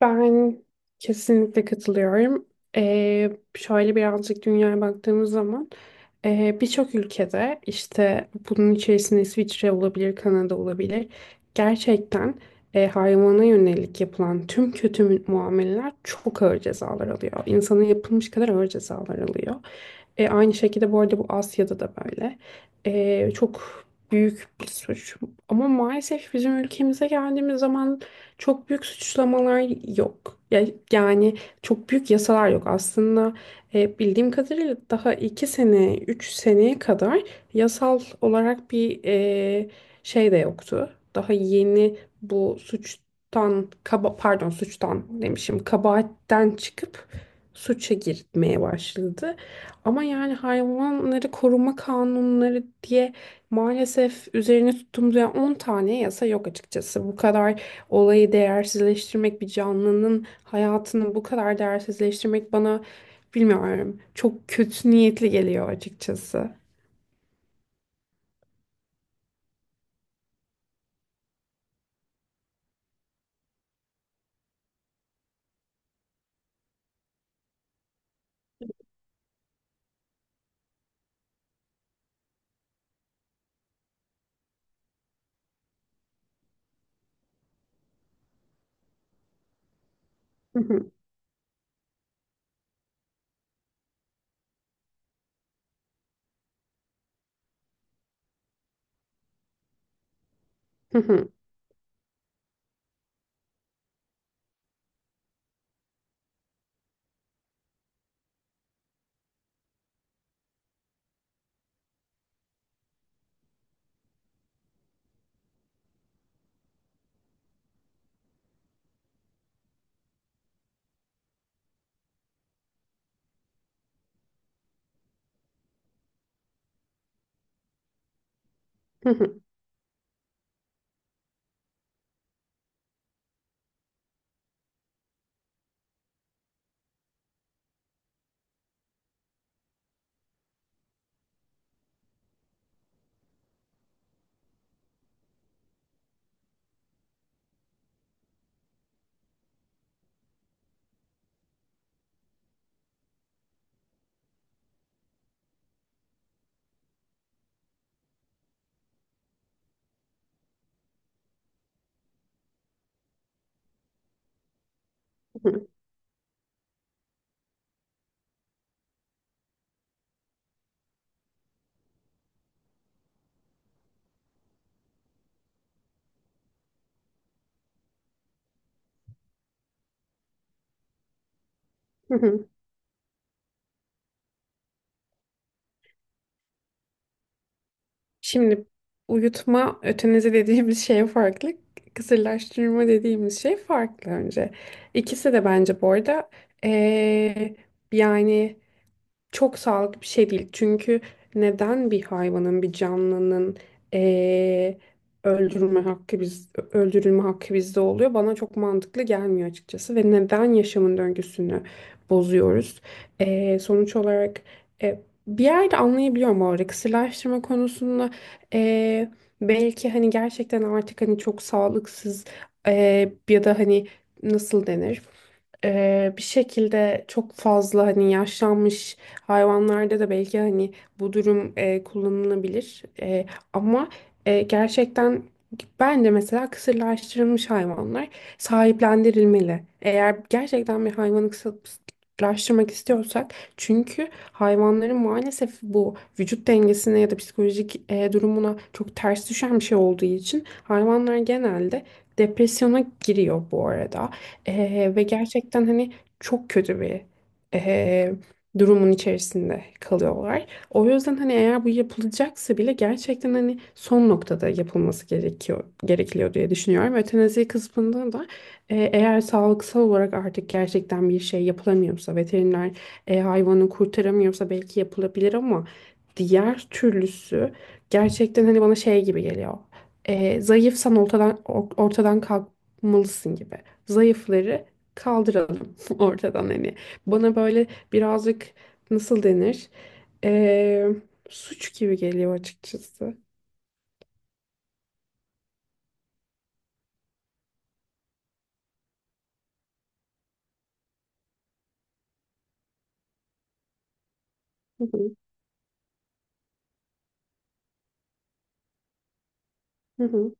Ben kesinlikle katılıyorum. Ee, Şöyle birazcık dünyaya baktığımız zaman birçok ülkede işte bunun içerisinde İsviçre olabilir, Kanada olabilir. Gerçekten hayvana yönelik yapılan tüm muameleler çok ağır cezalar alıyor. İnsana yapılmış kadar ağır cezalar alıyor. Aynı şekilde bu arada bu Asya'da da böyle. Çok büyük bir suç. Ama maalesef bizim ülkemize geldiğimiz zaman çok büyük suçlamalar yok. Yani çok büyük yasalar yok. Aslında bildiğim kadarıyla daha 2 sene, 3 seneye kadar yasal olarak bir şey de yoktu. Daha yeni bu suçtan, kaba, pardon suçtan demişim, kabahatten çıkıp suça girmeye başladı. Ama yani hayvanları koruma kanunları diye maalesef üzerine tuttuğumuz yani 10 tane yasa yok açıkçası. Bu kadar olayı değersizleştirmek, bir canlının hayatını bu kadar değersizleştirmek bana bilmiyorum. Çok kötü niyetli geliyor açıkçası. Hı hı, hı hı, hı hı, hı hı, hı. Şimdi uyutma ötenizi dediğimiz şey farklı. Kısırlaştırma dediğimiz şey farklı önce. İkisi de bence bu arada eee, yani çok sağlıklı bir şey değil. Çünkü neden bir hayvanın, bir canlının eee, öldürme hakkı biz öldürülme hakkı bizde oluyor? Bana çok mantıklı gelmiyor açıkçası ve neden yaşamın döngüsünü bozuyoruz? Sonuç olarak e, bir yerde anlayabiliyorum bu arada kısırlaştırma konusunda eee, belki hani gerçekten artık hani çok sağlıksız ya da hani nasıl denir? Bir şekilde çok fazla hani yaşlanmış hayvanlarda da belki hani bu durum kullanılabilir. Ama gerçekten bence mesela kısırlaştırılmış hayvanlar sahiplendirilmeli. Eğer gerçekten bir hayvanı kısırlaştırmak istiyorsak çünkü hayvanların maalesef bu vücut dengesine ya da psikolojik durumuna çok ters düşen bir şey olduğu için hayvanlar genelde depresyona giriyor bu arada. Ve gerçekten hani çok kötü bir e, durumun içerisinde kalıyorlar. O yüzden hani eğer bu yapılacaksa bile gerçekten hani son noktada yapılması gerekiyor diye düşünüyorum. Ötenazi kısmında da eğer sağlıksal olarak artık gerçekten bir şey yapılamıyorsa veteriner hayvanı kurtaramıyorsa belki yapılabilir ama diğer türlüsü gerçekten hani bana şey gibi geliyor. Zayıfsan ortadan kalkmalısın gibi. Zayıfları kaldıralım ortadan hani. Bana böyle birazcık nasıl denir? Ee, Suç gibi geliyor açıkçası. Hı hı, hı hı,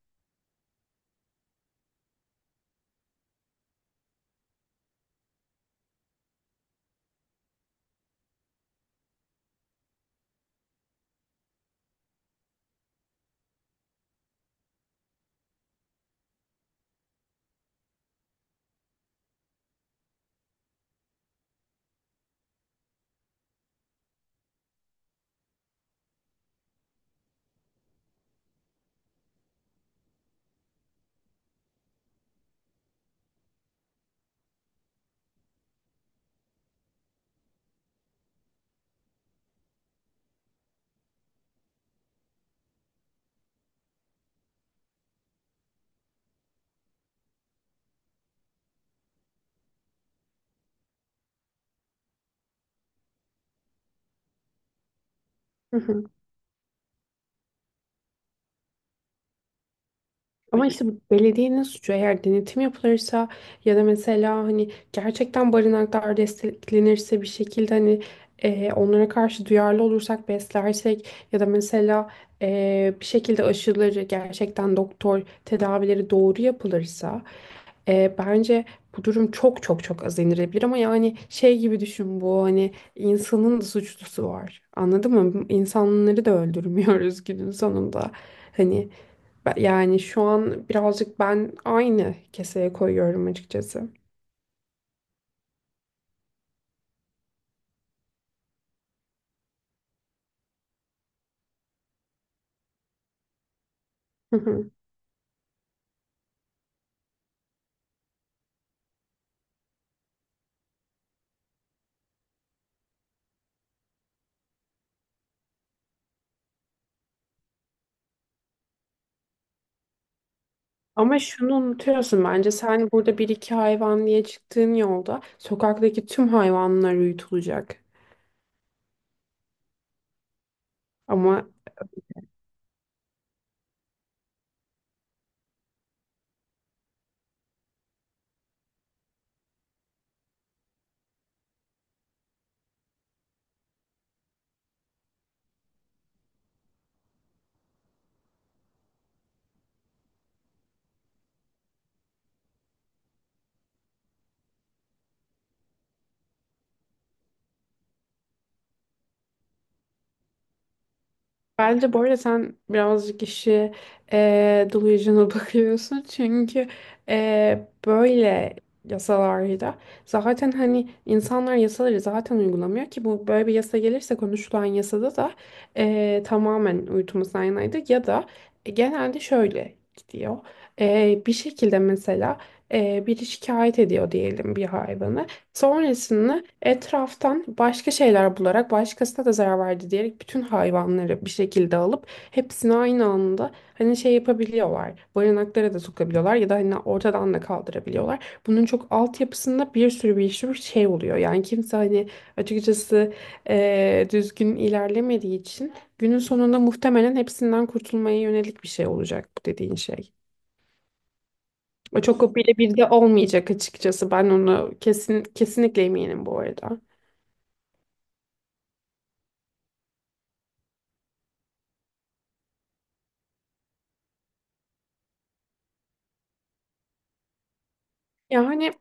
hı hı. Ama işte bu belediyenin suçu eğer denetim yapılırsa ya da mesela hani gerçekten barınaklar desteklenirse bir şekilde hani onlara karşı duyarlı olursak beslersek ya da mesela bir şekilde aşıları gerçekten doktor tedavileri doğru yapılırsa bence bu durum çok az indirilebilir ama yani şey gibi düşün bu hani insanın da suçlusu var anladın mı? İnsanları da öldürmüyoruz günün sonunda hani. Yani şu an birazcık ben aynı keseye koyuyorum açıkçası. Hı hı. Ama şunu unutuyorsun bence sen burada bir iki hayvan diye çıktığın yolda sokaktaki tüm hayvanlar uyutulacak. Ama bence bu arada sen birazcık işi delusional bakıyorsun. Çünkü böyle yasalarda zaten hani insanlar yasaları zaten uygulamıyor ki bu böyle bir yasa gelirse konuşulan yasada da tamamen uyutulması yanaydı ya da genelde şöyle gidiyor. Bir şekilde mesela biri şikayet ediyor diyelim bir hayvanı. Sonrasında etraftan başka şeyler bularak başkasına da zarar verdi diyerek bütün hayvanları bir şekilde alıp hepsini aynı anda hani şey yapabiliyorlar. Barınaklara da sokabiliyorlar ya da hani ortadan da kaldırabiliyorlar. Bunun çok altyapısında bir sürü şey oluyor. Yani kimse hani açıkçası düzgün ilerlemediği için günün sonunda muhtemelen hepsinden kurtulmaya yönelik bir şey olacak bu dediğin şey. O birebir de olmayacak açıkçası. Ben onu kesinlikle eminim bu arada. Ya hani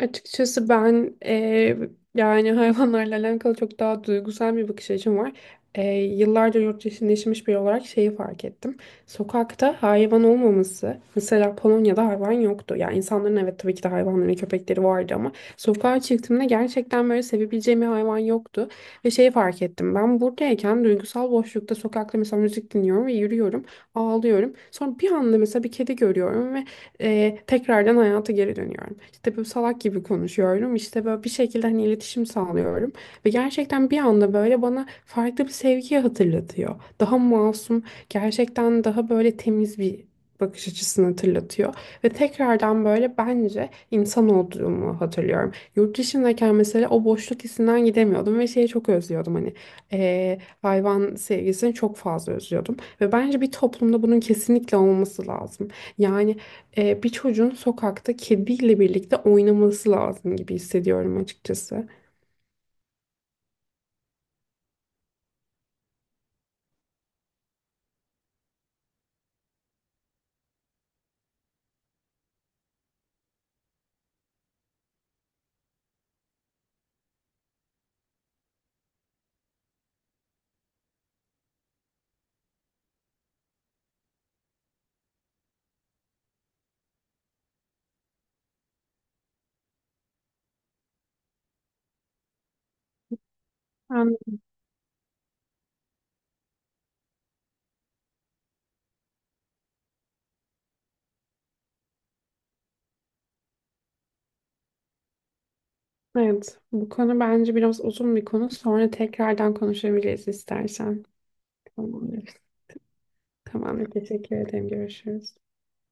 açıkçası ben, yani hayvanlarla alakalı çok daha duygusal bir bakış açım var. Yıllarca yurt dışında yaşamış biri olarak şeyi fark ettim. Sokakta hayvan olmaması, mesela Polonya'da hayvan yoktu. Yani insanların evet tabii ki de hayvanları ve köpekleri vardı ama sokağa çıktığımda gerçekten böyle sevebileceğim bir hayvan yoktu. Ve şeyi fark ettim. Ben buradayken duygusal boşlukta sokakta mesela müzik dinliyorum ve yürüyorum, ağlıyorum. Sonra bir anda mesela bir kedi görüyorum ve tekrardan hayata geri dönüyorum. İşte böyle salak gibi konuşuyorum. İşte böyle bir şekilde hani iletişim sağlıyorum. Ve gerçekten bir anda böyle bana farklı bir sevgiyi hatırlatıyor. Daha masum, gerçekten daha böyle temiz bir bakış açısını hatırlatıyor. Ve tekrardan böyle bence insan olduğumu hatırlıyorum. Yurt dışındayken mesela o boşluk hissinden gidemiyordum ve şeyi çok özlüyordum hani hayvan sevgisini çok fazla özlüyordum. Ve bence bir toplumda bunun kesinlikle olması lazım. Yani bir çocuğun sokakta kediyle birlikte oynaması lazım gibi hissediyorum açıkçası. Yani, evet, bu konu bence biraz uzun bir konu. Sonra tekrardan konuşabiliriz istersen. Tamamdır. Tamamdır. Teşekkür ederim. Görüşürüz.